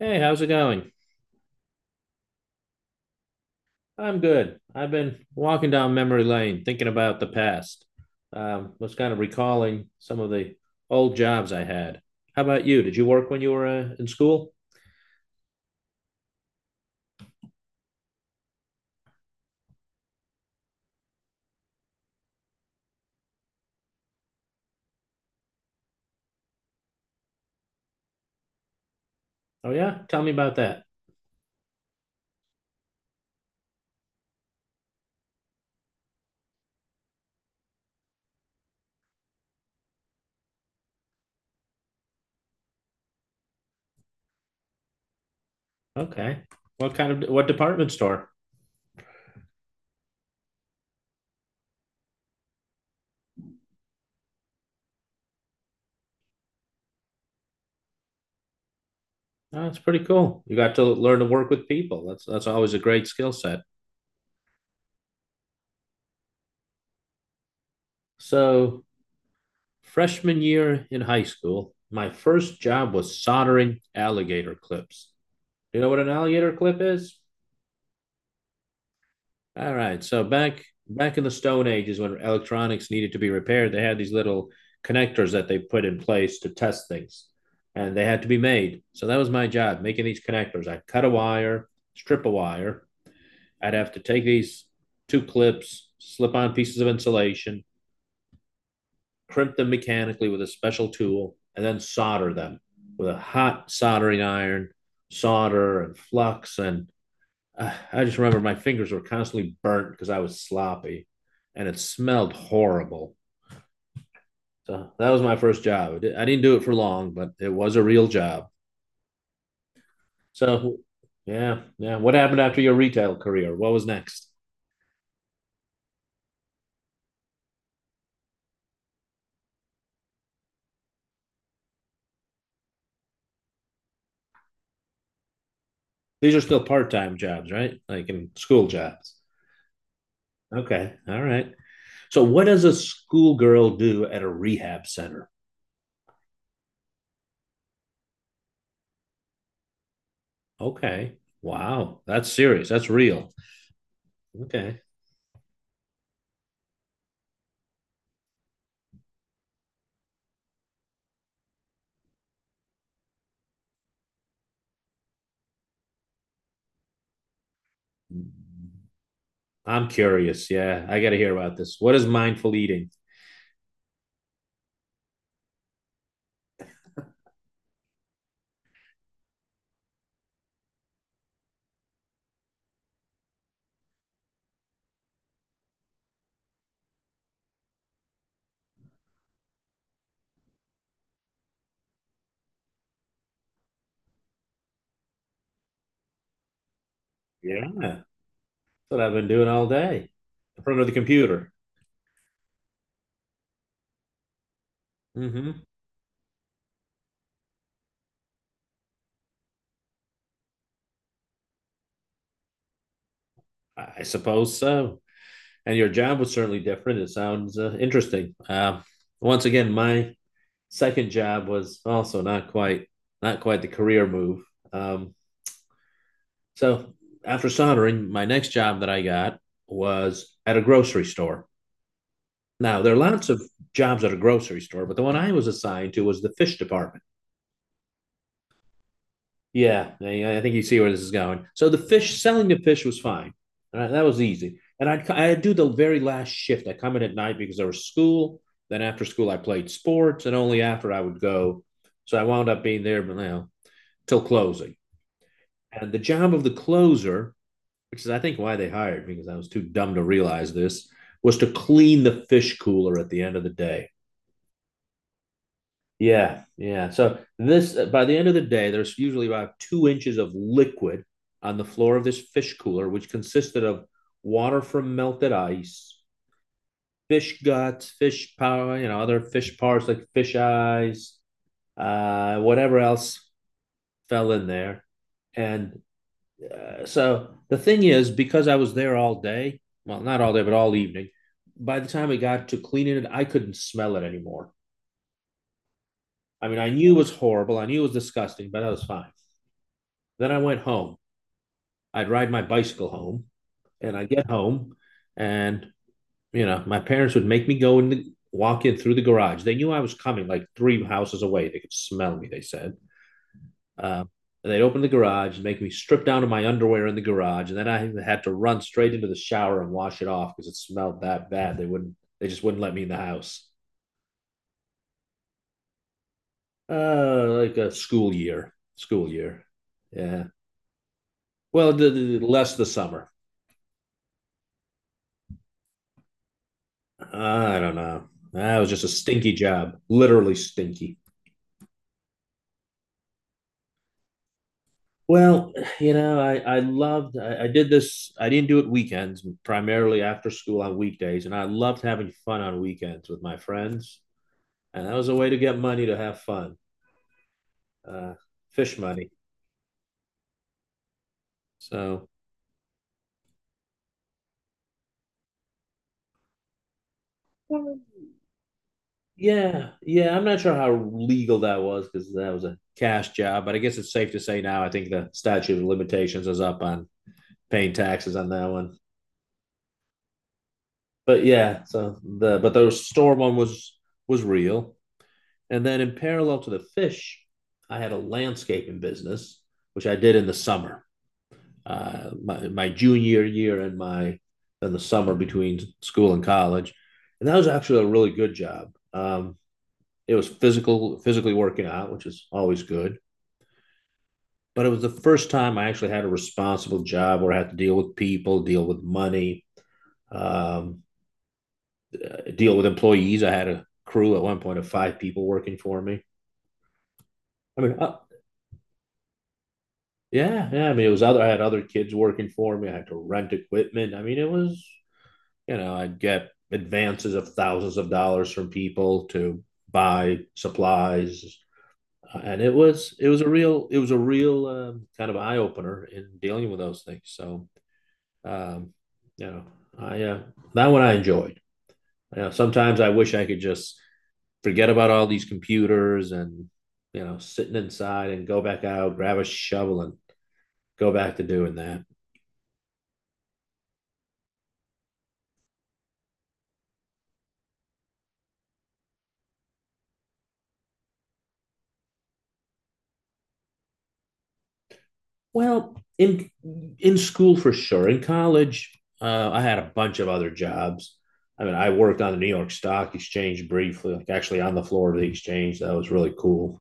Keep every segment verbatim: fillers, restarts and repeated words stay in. Hey, how's it going? I'm good. I've been walking down memory lane thinking about the past. Um, was kind of recalling some of the old jobs I had. How about you? Did you work when you were uh, in school? Oh yeah, tell me about that. Okay. What kind of what department store? Oh, that's pretty cool. You got to learn to work with people. That's that's always a great skill set. So, freshman year in high school, my first job was soldering alligator clips. You know what an alligator clip is? All right. So back back in the Stone Age is when electronics needed to be repaired, they had these little connectors that they put in place to test things, and they had to be made. So that was my job, making these connectors. I'd cut a wire, strip a wire. I'd have to take these two clips, slip on pieces of insulation, crimp them mechanically with a special tool, and then solder them with a hot soldering iron, solder and flux and uh, I just remember my fingers were constantly burnt because I was sloppy, and it smelled horrible. So that was my first job. I I didn't do it for long, but it was a real job. So, yeah, yeah. What happened after your retail career? What was next? These are still part-time jobs, right? Like in school jobs. Okay, all right. So, what does a schoolgirl do at a rehab center? Okay, wow, that's serious. That's real. Okay, I'm curious. Yeah, I got to hear about this. What is mindful eating? Yeah, that's what I've been doing all day in front of the computer. Hmm. I suppose so. And your job was certainly different. It sounds uh, interesting. Uh, once again, my second job was also not quite not quite the career move. Um, so after soldering, my next job that I got was at a grocery store. Now there are lots of jobs at a grocery store, but the one I was assigned to was the fish department. Yeah, I think you see where this is going. So the fish selling the fish was fine. All right, that was easy. And I'd I'd do the very last shift. I come in at night because there was school. Then after school, I played sports, and only after I would go. So I wound up being there, but you now till closing. And the job of the closer, which is I think why they hired me because I was too dumb to realize this, was to clean the fish cooler at the end of the day. Yeah, yeah. So this uh, by the end of the day, there's usually about two inches of liquid on the floor of this fish cooler, which consisted of water from melted ice, fish guts, fish power, you know, other fish parts like fish eyes, uh, whatever else fell in there. And uh, so the thing is, because I was there all day, well, not all day, but all evening, by the time I got to cleaning it, I couldn't smell it anymore. I mean, I knew it was horrible. I knew it was disgusting, but I was fine. Then I went home. I'd ride my bicycle home and I get home and you know, my parents would make me go in the walk in through the garage. They knew I was coming like three houses away. They could smell me, they said. Um, and they'd open the garage and make me strip down to my underwear in the garage. And then I had to run straight into the shower and wash it off because it smelled that bad. They wouldn't, they just wouldn't let me in the house. Uh, like a school year, school year. Yeah. Well, the, the, less the summer. I don't know. That was just a stinky job, literally stinky. Well, you know, I, I loved, I, I did this, I didn't do it weekends, primarily after school on weekdays. And I loved having fun on weekends with my friends. And that was a way to get money to have fun, uh, fish money. So, yeah, yeah, I'm not sure how legal that was because that was a cash job. But I guess it's safe to say now, I think the statute of limitations is up on paying taxes on that one. But yeah, so the but the store one was was real. And then in parallel to the fish, I had a landscaping business, which I did in the summer, uh, my, my junior year and my in the summer between school and college, and that was actually a really good job. Um, it was physical, physically working out, which is always good. But it was the first time I actually had a responsible job where I had to deal with people, deal with money, um, deal with employees. I had a crew at one point of five people working for me. I mean, uh, yeah, yeah. I mean, it was other. I had other kids working for me. I had to rent equipment. I mean, it was you know, I'd get advances of thousands of dollars from people to buy supplies, and it was it was a real it was a real um, kind of eye opener in dealing with those things. So, um, you know, I uh, that one I enjoyed. You know, sometimes I wish I could just forget about all these computers and you know sitting inside and go back out, grab a shovel and go back to doing that. Well, in in school for sure. In college, uh, I had a bunch of other jobs. I mean, I worked on the New York Stock Exchange briefly, like actually on the floor of the exchange. That was really cool.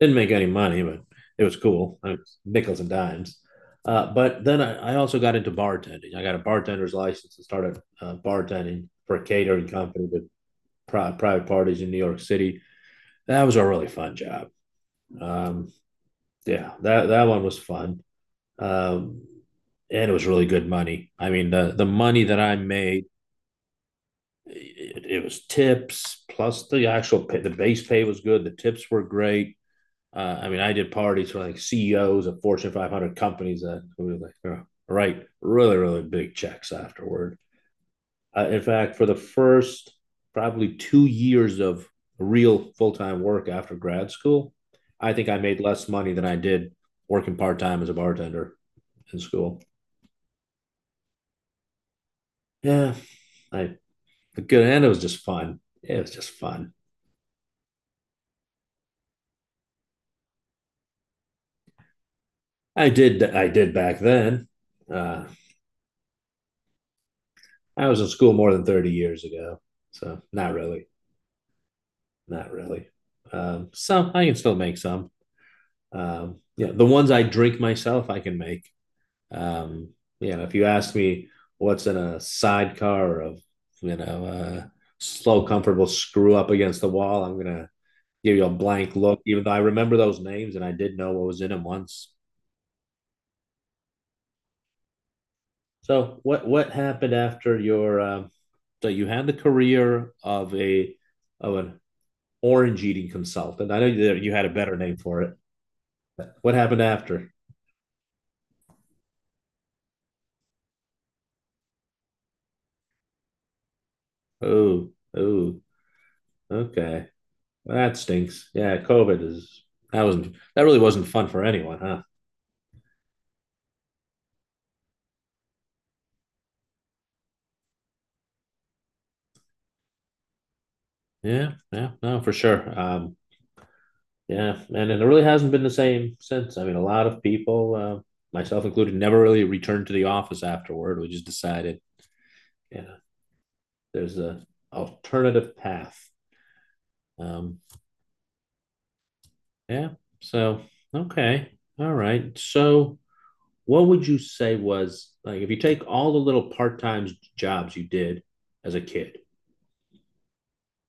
Didn't make any money, but it was cool. I mean, nickels and dimes. Uh, but then I, I, also got into bartending. I got a bartender's license and started uh, bartending for a catering company with pri- private parties in New York City. That was a really fun job. Um, yeah, that that one was fun, um, and it was really good money. I mean, the the money that I made, it, it was tips plus the actual pay, the base pay was good. The tips were great. Uh, I mean, I did parties for like C E Os of Fortune five hundred companies that were like, oh, right, really, really big checks afterward. Uh, in fact, for the first probably two years of real full time work after grad school, I think I made less money than I did working part time as a bartender in school. Yeah, I good, and it was just fun. It was just fun. I did, I did back then. Uh, I was in school more than thirty years ago, so not really, not really. Um, some I can still make some. Um, yeah, the ones I drink myself, I can make. Um, you know, if you ask me what's in a sidecar of, you know, uh, slow, comfortable screw up against the wall, I'm going to give you a blank look, even though I remember those names and I did know what was in them once. So what, what happened after your, uh, so you had the career of a, of an orange eating consultant. I know that you had a better name for it. What happened after? Oh, oh, okay. Well, that stinks. Yeah, COVID is that was not that really wasn't fun for anyone, huh? Yeah, yeah, no, for sure. Um, yeah, and, and it really hasn't been the same since. I mean, a lot of people, uh, myself included, never really returned to the office afterward. We just decided, you know, there's a alternative path. Um, yeah. So okay, all right. So what would you say was like if you take all the little part time jobs you did as a kid,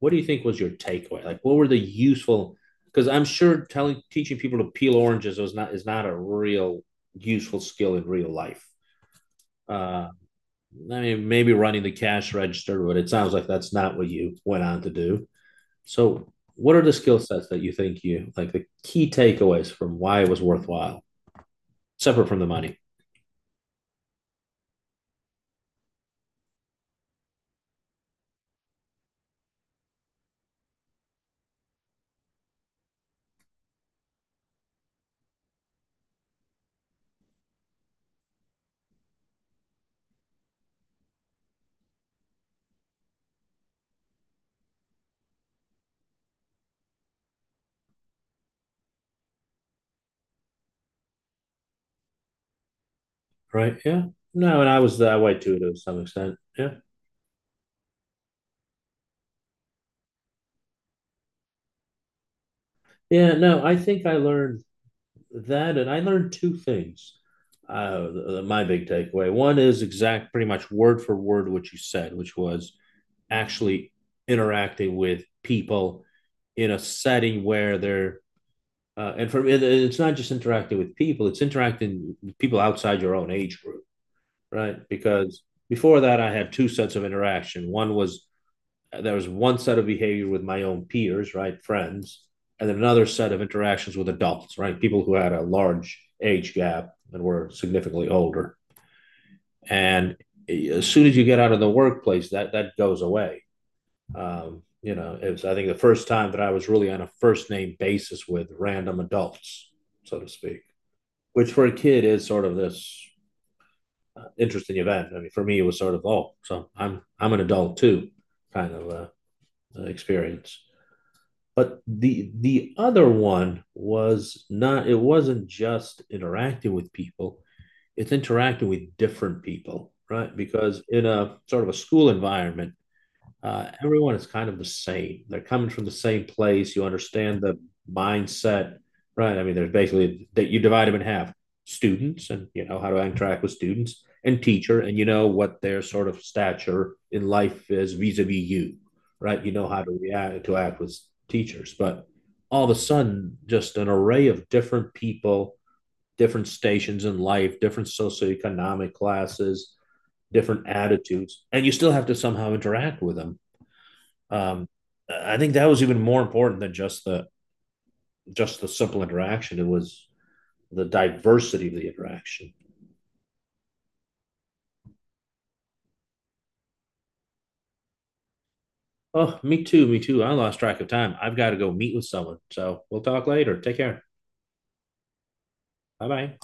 what do you think was your takeaway? Like, what were the useful? Because I'm sure telling teaching people to peel oranges is not is not a real useful skill in real life. Uh, I mean, maybe running the cash register, but it sounds like that's not what you went on to do. So, what are the skill sets that you think you like the key takeaways from why it was worthwhile, separate from the money, right? Yeah. No, and I was that way too to some extent. Yeah. Yeah. No, I think I learned that, and I learned two things. Uh, th- th- my big takeaway one is exact, pretty much word for word, what you said, which was actually interacting with people in a setting where they're uh, and for and it's not just interacting with people; it's interacting with people outside your own age group, right? Because before that, I had two sets of interaction. One was there was one set of behavior with my own peers, right, friends, and then another set of interactions with adults, right, people who had a large age gap and were significantly older. And as soon as you get out of the workplace, that that goes away. Um, you know, it was I think the first time that I was really on a first name basis with random adults, so to speak, which for a kid is sort of this uh, interesting event. I mean, for me, it was sort of oh, so I'm I'm an adult too, kind of uh, experience. But the the other one was not it wasn't just interacting with people it's interacting with different people right because in a sort of a school environment uh, everyone is kind of the same. They're coming from the same place. You understand the mindset, right? I mean, there's basically that you divide them in half: students, and you know how to interact with students, and teacher, and you know what their sort of stature in life is vis-a-vis you, right? You know how to react to act with teachers, but all of a sudden, just an array of different people, different stations in life, different socioeconomic classes, different attitudes, and you still have to somehow interact with them. um, I think that was even more important than just the just the simple interaction. It was the diversity of the interaction. Oh, me too, me too. I lost track of time. I've got to go meet with someone. So we'll talk later. Take care. Bye bye.